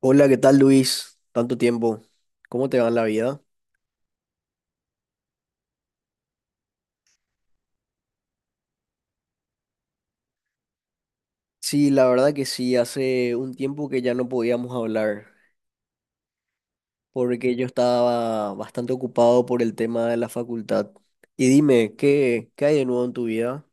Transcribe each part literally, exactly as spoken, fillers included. Hola, ¿qué tal, Luis? Tanto tiempo. ¿Cómo te va en la vida? Sí, la verdad que sí, hace un tiempo que ya no podíamos hablar, porque yo estaba bastante ocupado por el tema de la facultad. Y dime, ¿qué, qué hay de nuevo en tu vida?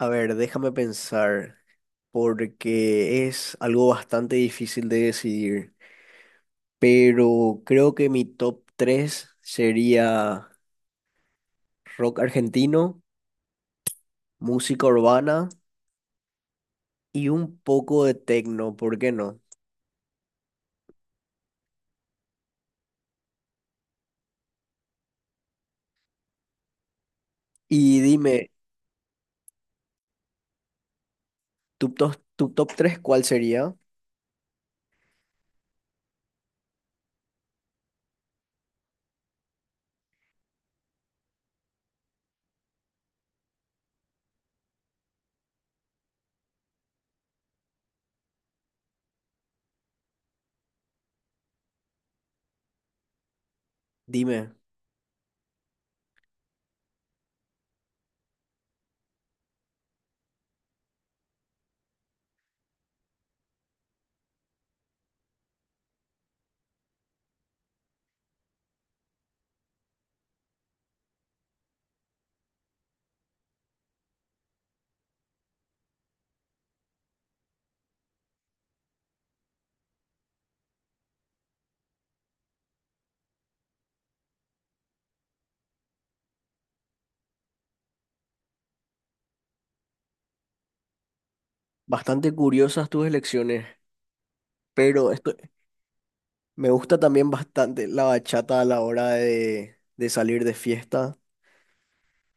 A ver, déjame pensar, porque es algo bastante difícil de decidir, pero creo que mi top tres sería rock argentino, música urbana y un poco de techno. ¿Por qué no? Y dime, tu top, tu top tres, ¿cuál sería? Dime, bastante curiosas tus elecciones, pero esto, me gusta también bastante la bachata a la hora de, de salir de fiesta,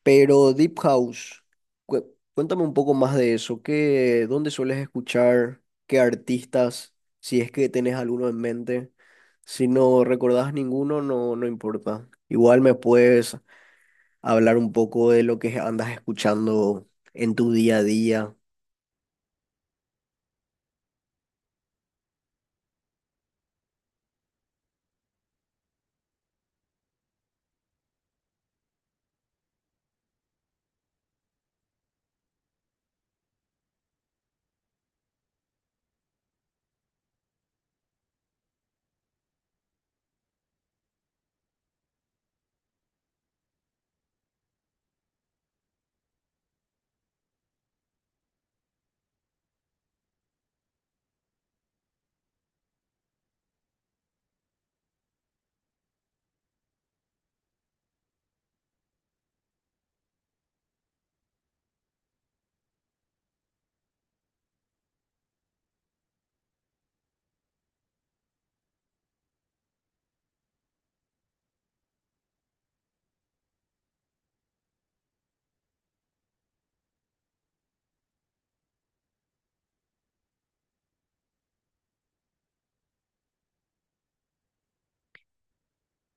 pero Deep House, cué- cuéntame un poco más de eso, ¿qué, dónde sueles escuchar? ¿Qué artistas? Si es que tenés alguno en mente, si no recordás ninguno, no, no importa. Igual me puedes hablar un poco de lo que andas escuchando en tu día a día.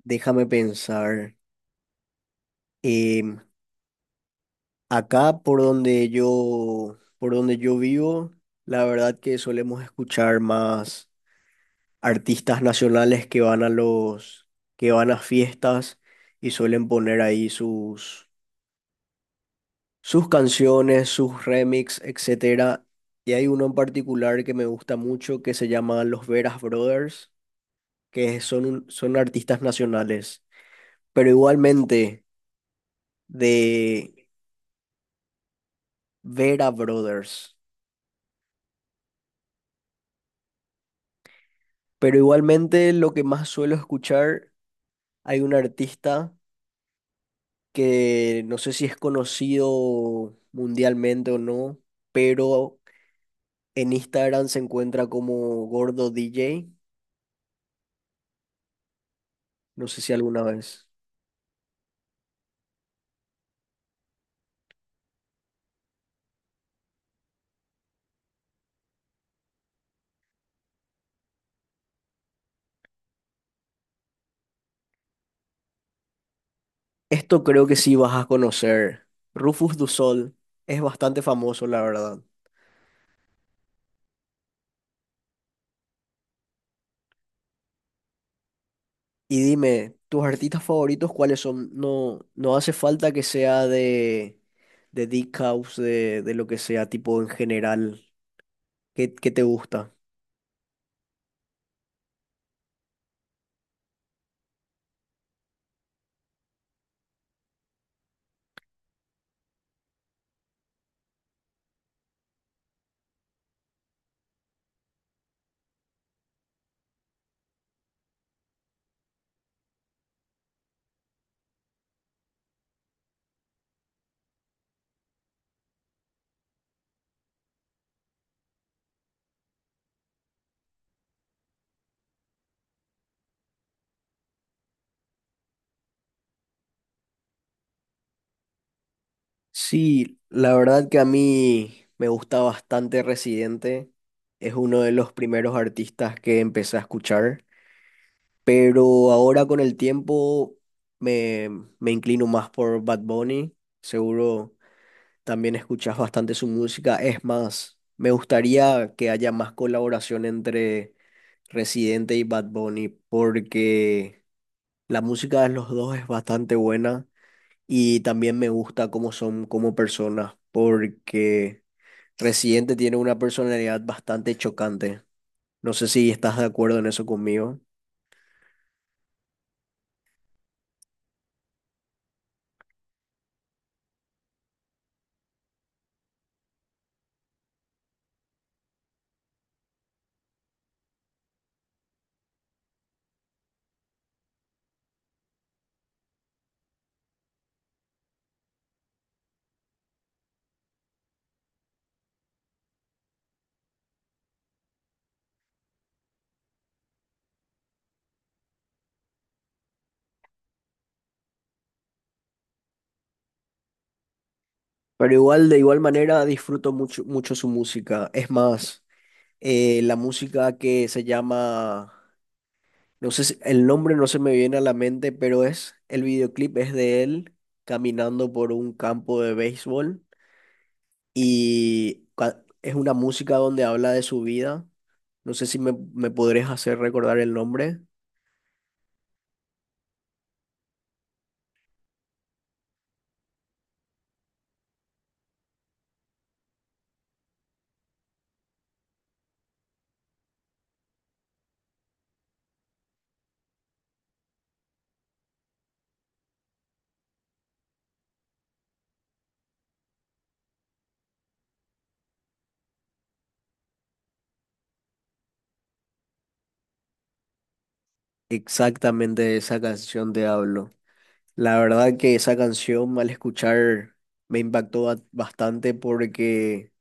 Déjame pensar. Em, Acá por donde yo, por donde yo vivo, la verdad que solemos escuchar más artistas nacionales que van a los, que van a fiestas y suelen poner ahí sus, sus canciones, sus remix, etcétera. Y hay uno en particular que me gusta mucho que se llama Los Veras Brothers, que son, un- son artistas nacionales. Pero igualmente de Vera Brothers. Pero igualmente lo que más suelo escuchar, hay un artista que no sé si es conocido mundialmente o no, pero en Instagram se encuentra como Gordo D J, no sé si alguna vez. Esto creo que sí vas a conocer. Rufus Du Sol es bastante famoso, la verdad. Y dime, ¿tus artistas favoritos cuáles son? No, no hace falta que sea de, de Deep House, de, de lo que sea, tipo en general. ¿Qué, qué te gusta? Sí, la verdad que a mí me gusta bastante Residente. Es uno de los primeros artistas que empecé a escuchar, pero ahora con el tiempo me, me inclino más por Bad Bunny. Seguro también escuchas bastante su música. Es más, me gustaría que haya más colaboración entre Residente y Bad Bunny porque la música de los dos es bastante buena. Y también me gusta cómo son como personas, porque Residente tiene una personalidad bastante chocante. No sé si estás de acuerdo en eso conmigo, pero igual, de igual manera, disfruto mucho, mucho su música. Es más, eh, la música que se llama, no sé si- el nombre no se me viene a la mente, pero es, el videoclip es de él caminando por un campo de béisbol y cua- es una música donde habla de su vida. No sé si me, me podrías hacer recordar el nombre. Exactamente de esa canción te hablo. La verdad que esa canción al escuchar me impactó ba- bastante porque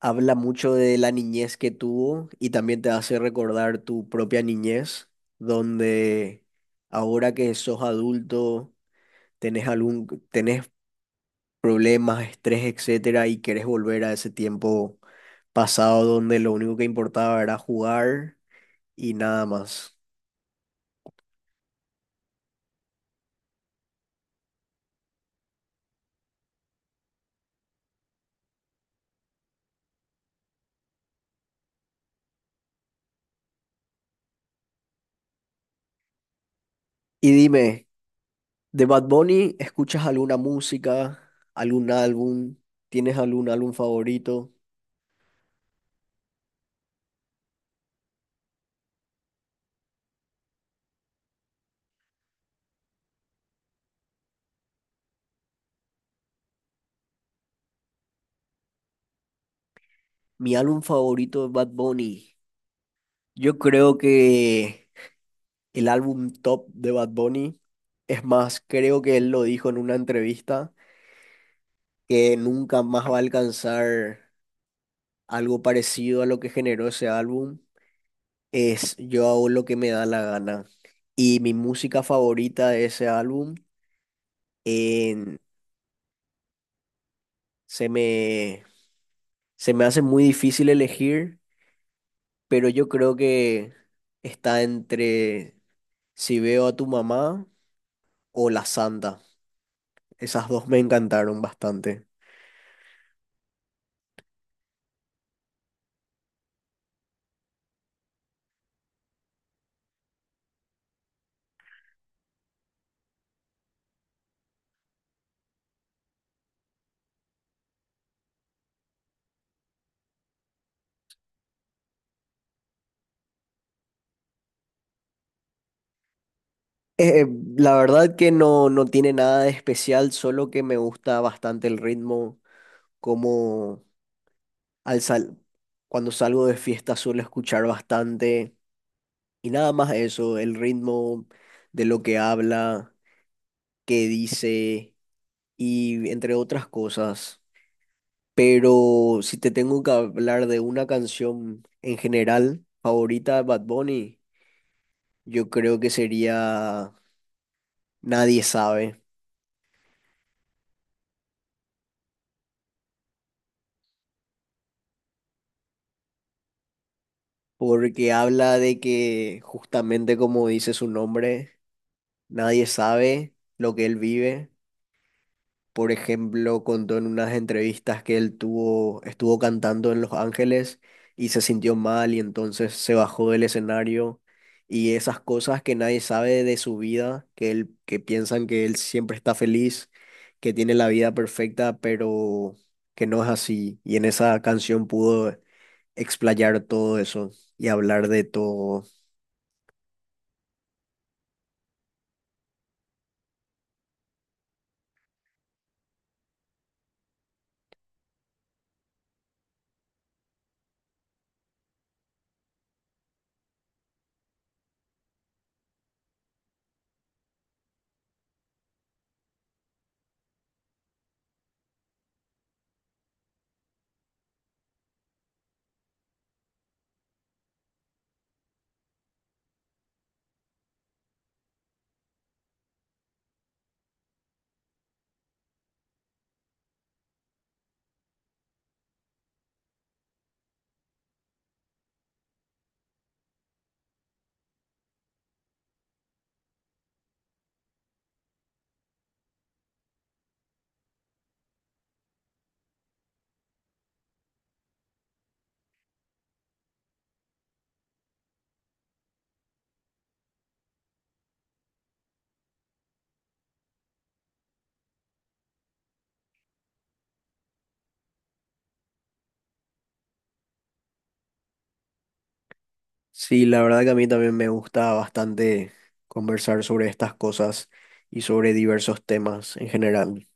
habla mucho de la niñez que tuvo y también te hace recordar tu propia niñez, donde ahora que sos adulto, tenés algún, tenés problemas, estrés, etcétera, y querés volver a ese tiempo pasado donde lo único que importaba era jugar y nada más. Y dime, de Bad Bunny, ¿escuchas alguna música, algún álbum? ¿Tienes algún álbum favorito? Mi álbum favorito de Bad Bunny. Yo creo que el álbum top de Bad Bunny, es más, creo que él lo dijo en una entrevista, que nunca más va a alcanzar algo parecido a lo que generó ese álbum, es Yo hago lo que me da la gana. Y mi música favorita de ese álbum en, se me Se me hace muy difícil elegir, pero yo creo que está entre si veo a tu mamá o la santa. Esas dos me encantaron bastante. Eh, la verdad que no, no tiene nada de especial, solo que me gusta bastante el ritmo, como al sal cuando salgo de fiesta suelo escuchar bastante y nada más eso, el ritmo de lo que habla, qué dice y entre otras cosas. Pero si te tengo que hablar de una canción en general favorita de Bad Bunny, yo creo que sería Nadie sabe, porque habla de que, justamente como dice su nombre, nadie sabe lo que él vive. Por ejemplo, contó en unas entrevistas que él tuvo, estuvo cantando en Los Ángeles y se sintió mal y entonces se bajó del escenario y esas cosas que nadie sabe de su vida, que él, que piensan que él siempre está feliz, que tiene la vida perfecta, pero que no es así. Y en esa canción pudo explayar todo eso y hablar de todo. Sí, la verdad que a mí también me gusta bastante conversar sobre estas cosas y sobre diversos temas en general.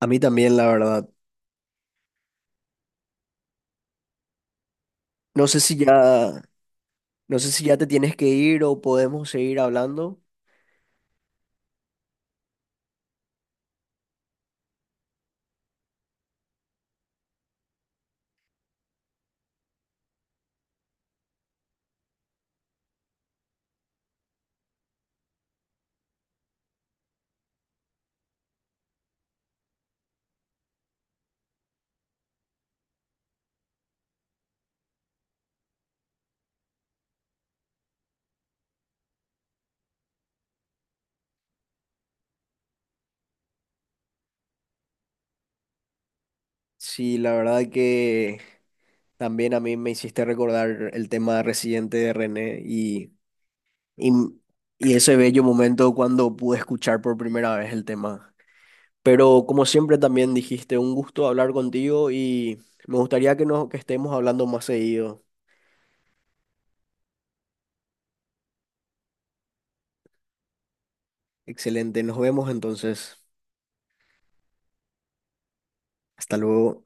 A mí también, la verdad. No sé si ya, no sé si ya te tienes que ir o podemos seguir hablando. Sí, la verdad que también a mí me hiciste recordar el tema residente de René y, y, y ese bello momento cuando pude escuchar por primera vez el tema. Pero como siempre también dijiste, un gusto hablar contigo y me gustaría que, nos, que estemos hablando más seguido. Excelente, nos vemos entonces. Hasta luego.